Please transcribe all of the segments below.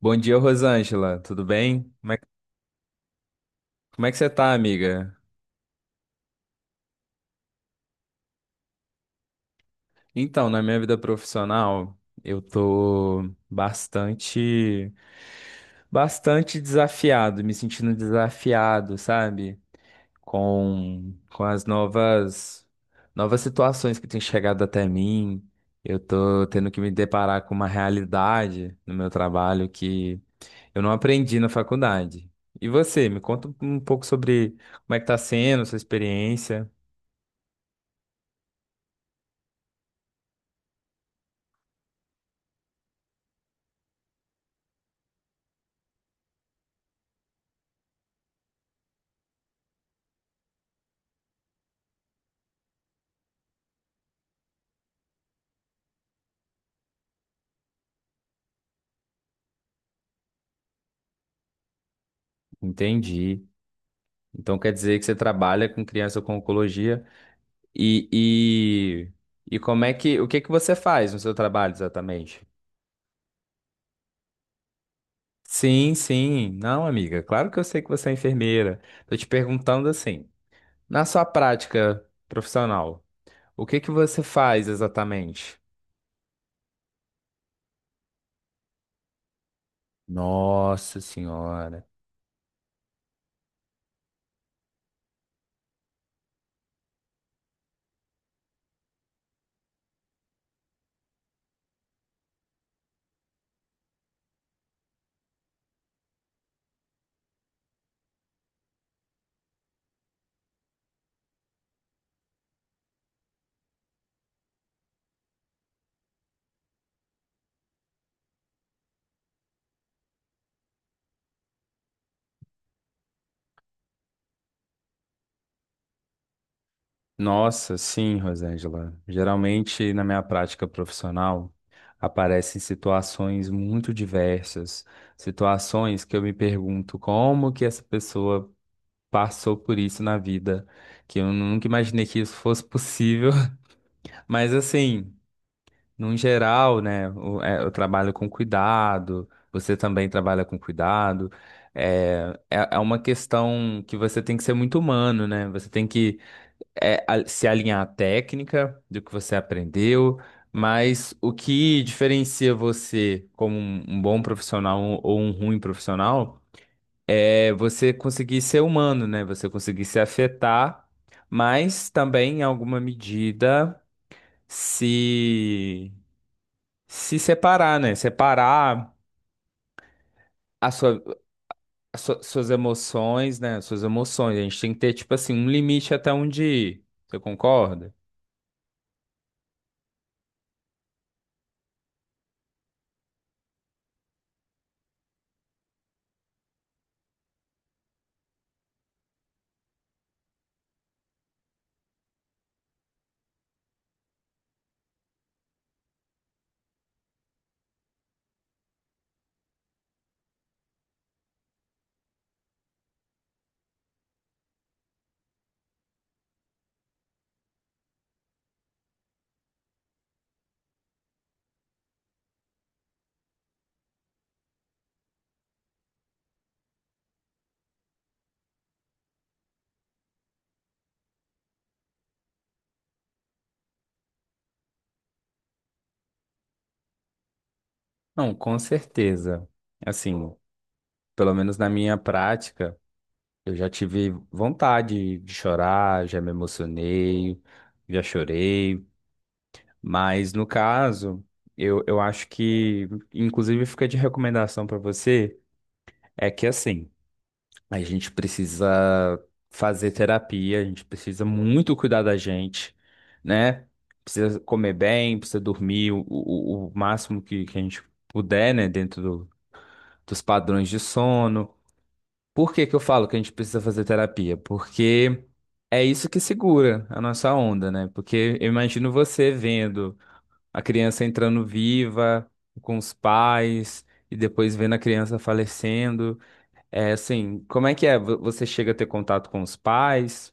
Bom dia, Rosângela. Tudo bem? Como é que você tá, amiga? Então, na minha vida profissional, eu tô bastante, bastante desafiado, me sentindo desafiado, sabe? Com as novas situações que têm chegado até mim. Eu tô tendo que me deparar com uma realidade no meu trabalho que eu não aprendi na faculdade. E você, me conta um pouco sobre como é que tá sendo a sua experiência. Entendi. Então quer dizer que você trabalha com criança com oncologia e, e, e como é que, o que que você faz no seu trabalho exatamente? Sim, sim. Não, amiga, claro que eu sei que você é enfermeira. Tô te perguntando assim, na sua prática profissional, o que que você faz exatamente? Nossa Senhora. Nossa, sim, Rosângela. Geralmente, na minha prática profissional, aparecem situações muito diversas, situações que eu me pergunto como que essa pessoa passou por isso na vida, que eu nunca imaginei que isso fosse possível. Mas assim, num geral, né, eu trabalho com cuidado, você também trabalha com cuidado. É uma questão que você tem que ser muito humano, né? Você tem que se alinhar à técnica do que você aprendeu, mas o que diferencia você como um bom profissional ou um ruim profissional é você conseguir ser humano, né? Você conseguir se afetar, mas também, em alguma medida, se, se separar, né? Separar a sua, suas emoções, né? Suas emoções. A gente tem que ter, tipo assim, um limite até onde ir. Você concorda? Não, com certeza. Assim, pelo menos na minha prática, eu já tive vontade de chorar, já me emocionei, já chorei. Mas no caso, eu acho que, inclusive, fica de recomendação para você, é que assim, a gente precisa fazer terapia, a gente precisa muito cuidar da gente, né? Precisa comer bem, precisa dormir o máximo que a gente puder, né? Dos padrões de sono. Por que que eu falo que a gente precisa fazer terapia? Porque é isso que segura a nossa onda, né? Porque eu imagino você vendo a criança entrando viva com os pais e depois vendo a criança falecendo. É assim, como é que é? Você chega a ter contato com os pais?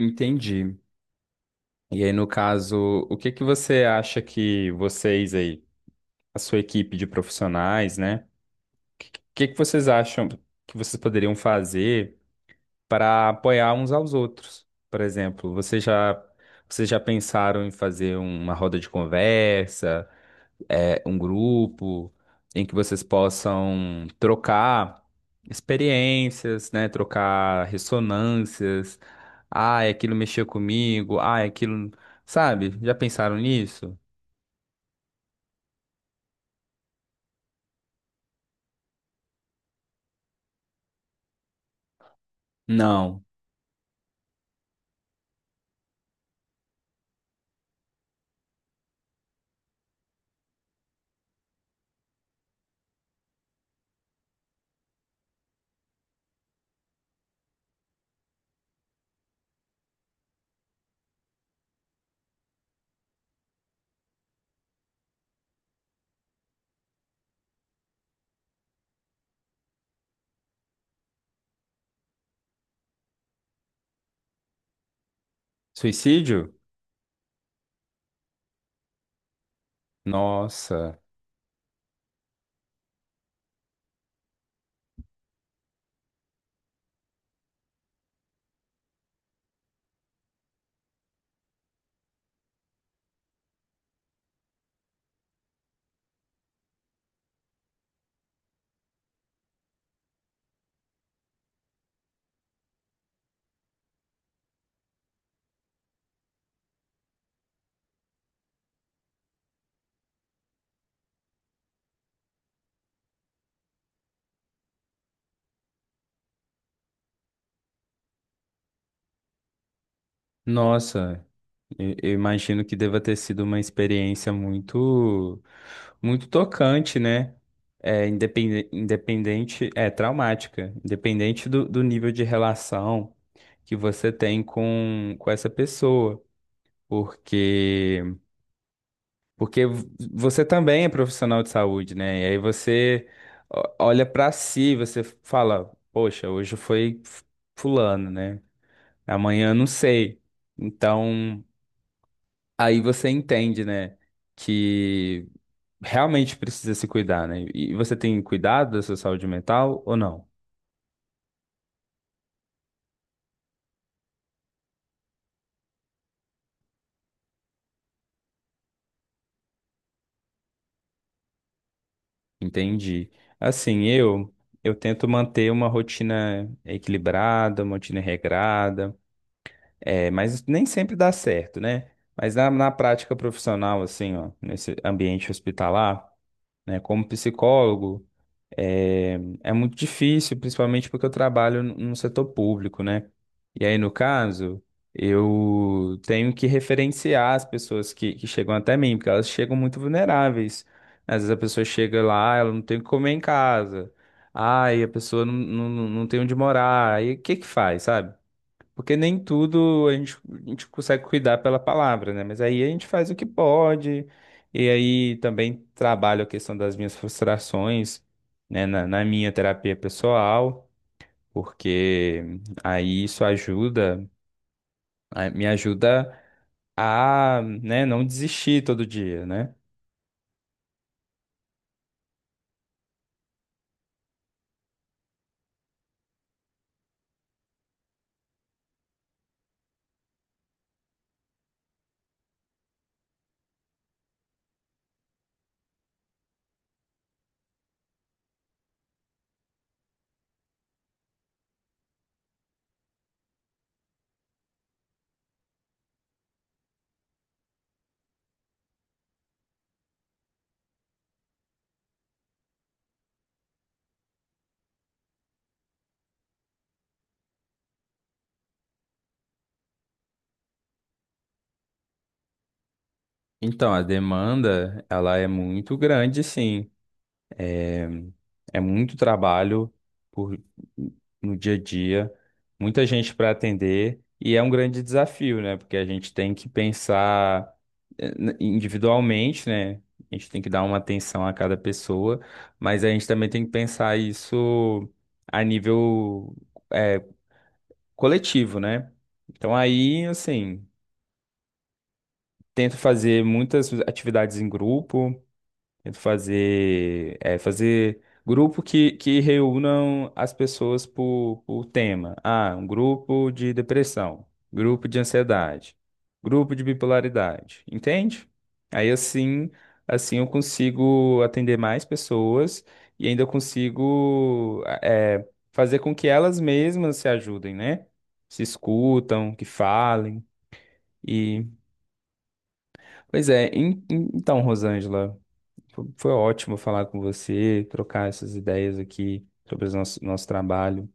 Entendi. E aí, no caso, o que que você acha que vocês aí, a sua equipe de profissionais, né? O que que vocês acham que vocês poderiam fazer para apoiar uns aos outros? Por exemplo, vocês já pensaram em fazer uma roda de conversa, é, um grupo em que vocês possam trocar experiências, né? Trocar ressonâncias. Ah, aquilo mexeu comigo. Ah, aquilo. Sabe? Já pensaram nisso? Não. Suicídio? Nossa, nossa. Eu imagino que deva ter sido uma experiência muito, muito tocante, né? É, independente, é traumática, independente do, do nível de relação que você tem com essa pessoa, porque você também é profissional de saúde, né? E aí você olha pra si, você fala, poxa, hoje foi fulano, né? Amanhã eu não sei. Então aí você entende, né, que realmente precisa se cuidar, né? E você tem cuidado da sua saúde mental ou não? Entendi. Assim, eu tento manter uma rotina equilibrada, uma rotina regrada, é, mas nem sempre dá certo, né? Mas na, na prática profissional, assim, ó, nesse ambiente hospitalar, né, como psicólogo, é é muito difícil, principalmente porque eu trabalho no setor público, né? E aí, no caso, eu tenho que referenciar as pessoas que chegam até mim, porque elas chegam muito vulneráveis. Às vezes a pessoa chega lá, ela não tem o que comer em casa. Ai, a pessoa não tem onde morar. Aí o que que faz, sabe? Porque nem tudo a gente consegue cuidar pela palavra, né? Mas aí a gente faz o que pode, e aí também trabalho a questão das minhas frustrações, né, na minha terapia pessoal, porque aí isso ajuda, me ajuda a, né, não desistir todo dia, né? Então, a demanda, ela é muito grande, sim. É muito trabalho por, no dia a dia, muita gente para atender, e é um grande desafio, né? Porque a gente tem que pensar individualmente, né? A gente tem que dar uma atenção a cada pessoa, mas a gente também tem que pensar isso a nível, eh, coletivo, né? Então aí, assim, tento fazer muitas atividades em grupo. Tento fazer, é, fazer grupo que reúnam as pessoas por tema. Ah, um grupo de depressão, grupo de ansiedade, grupo de bipolaridade, entende? Aí assim, assim eu consigo atender mais pessoas e ainda consigo fazer com que elas mesmas se ajudem, né? Se escutam, que falem. E, pois é, então, Rosângela. Foi ótimo falar com você, trocar essas ideias aqui sobre o nosso, nosso trabalho.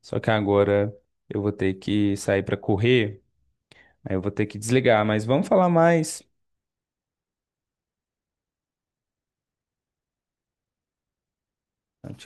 Só que agora eu vou ter que sair para correr, aí eu vou ter que desligar, mas vamos falar mais.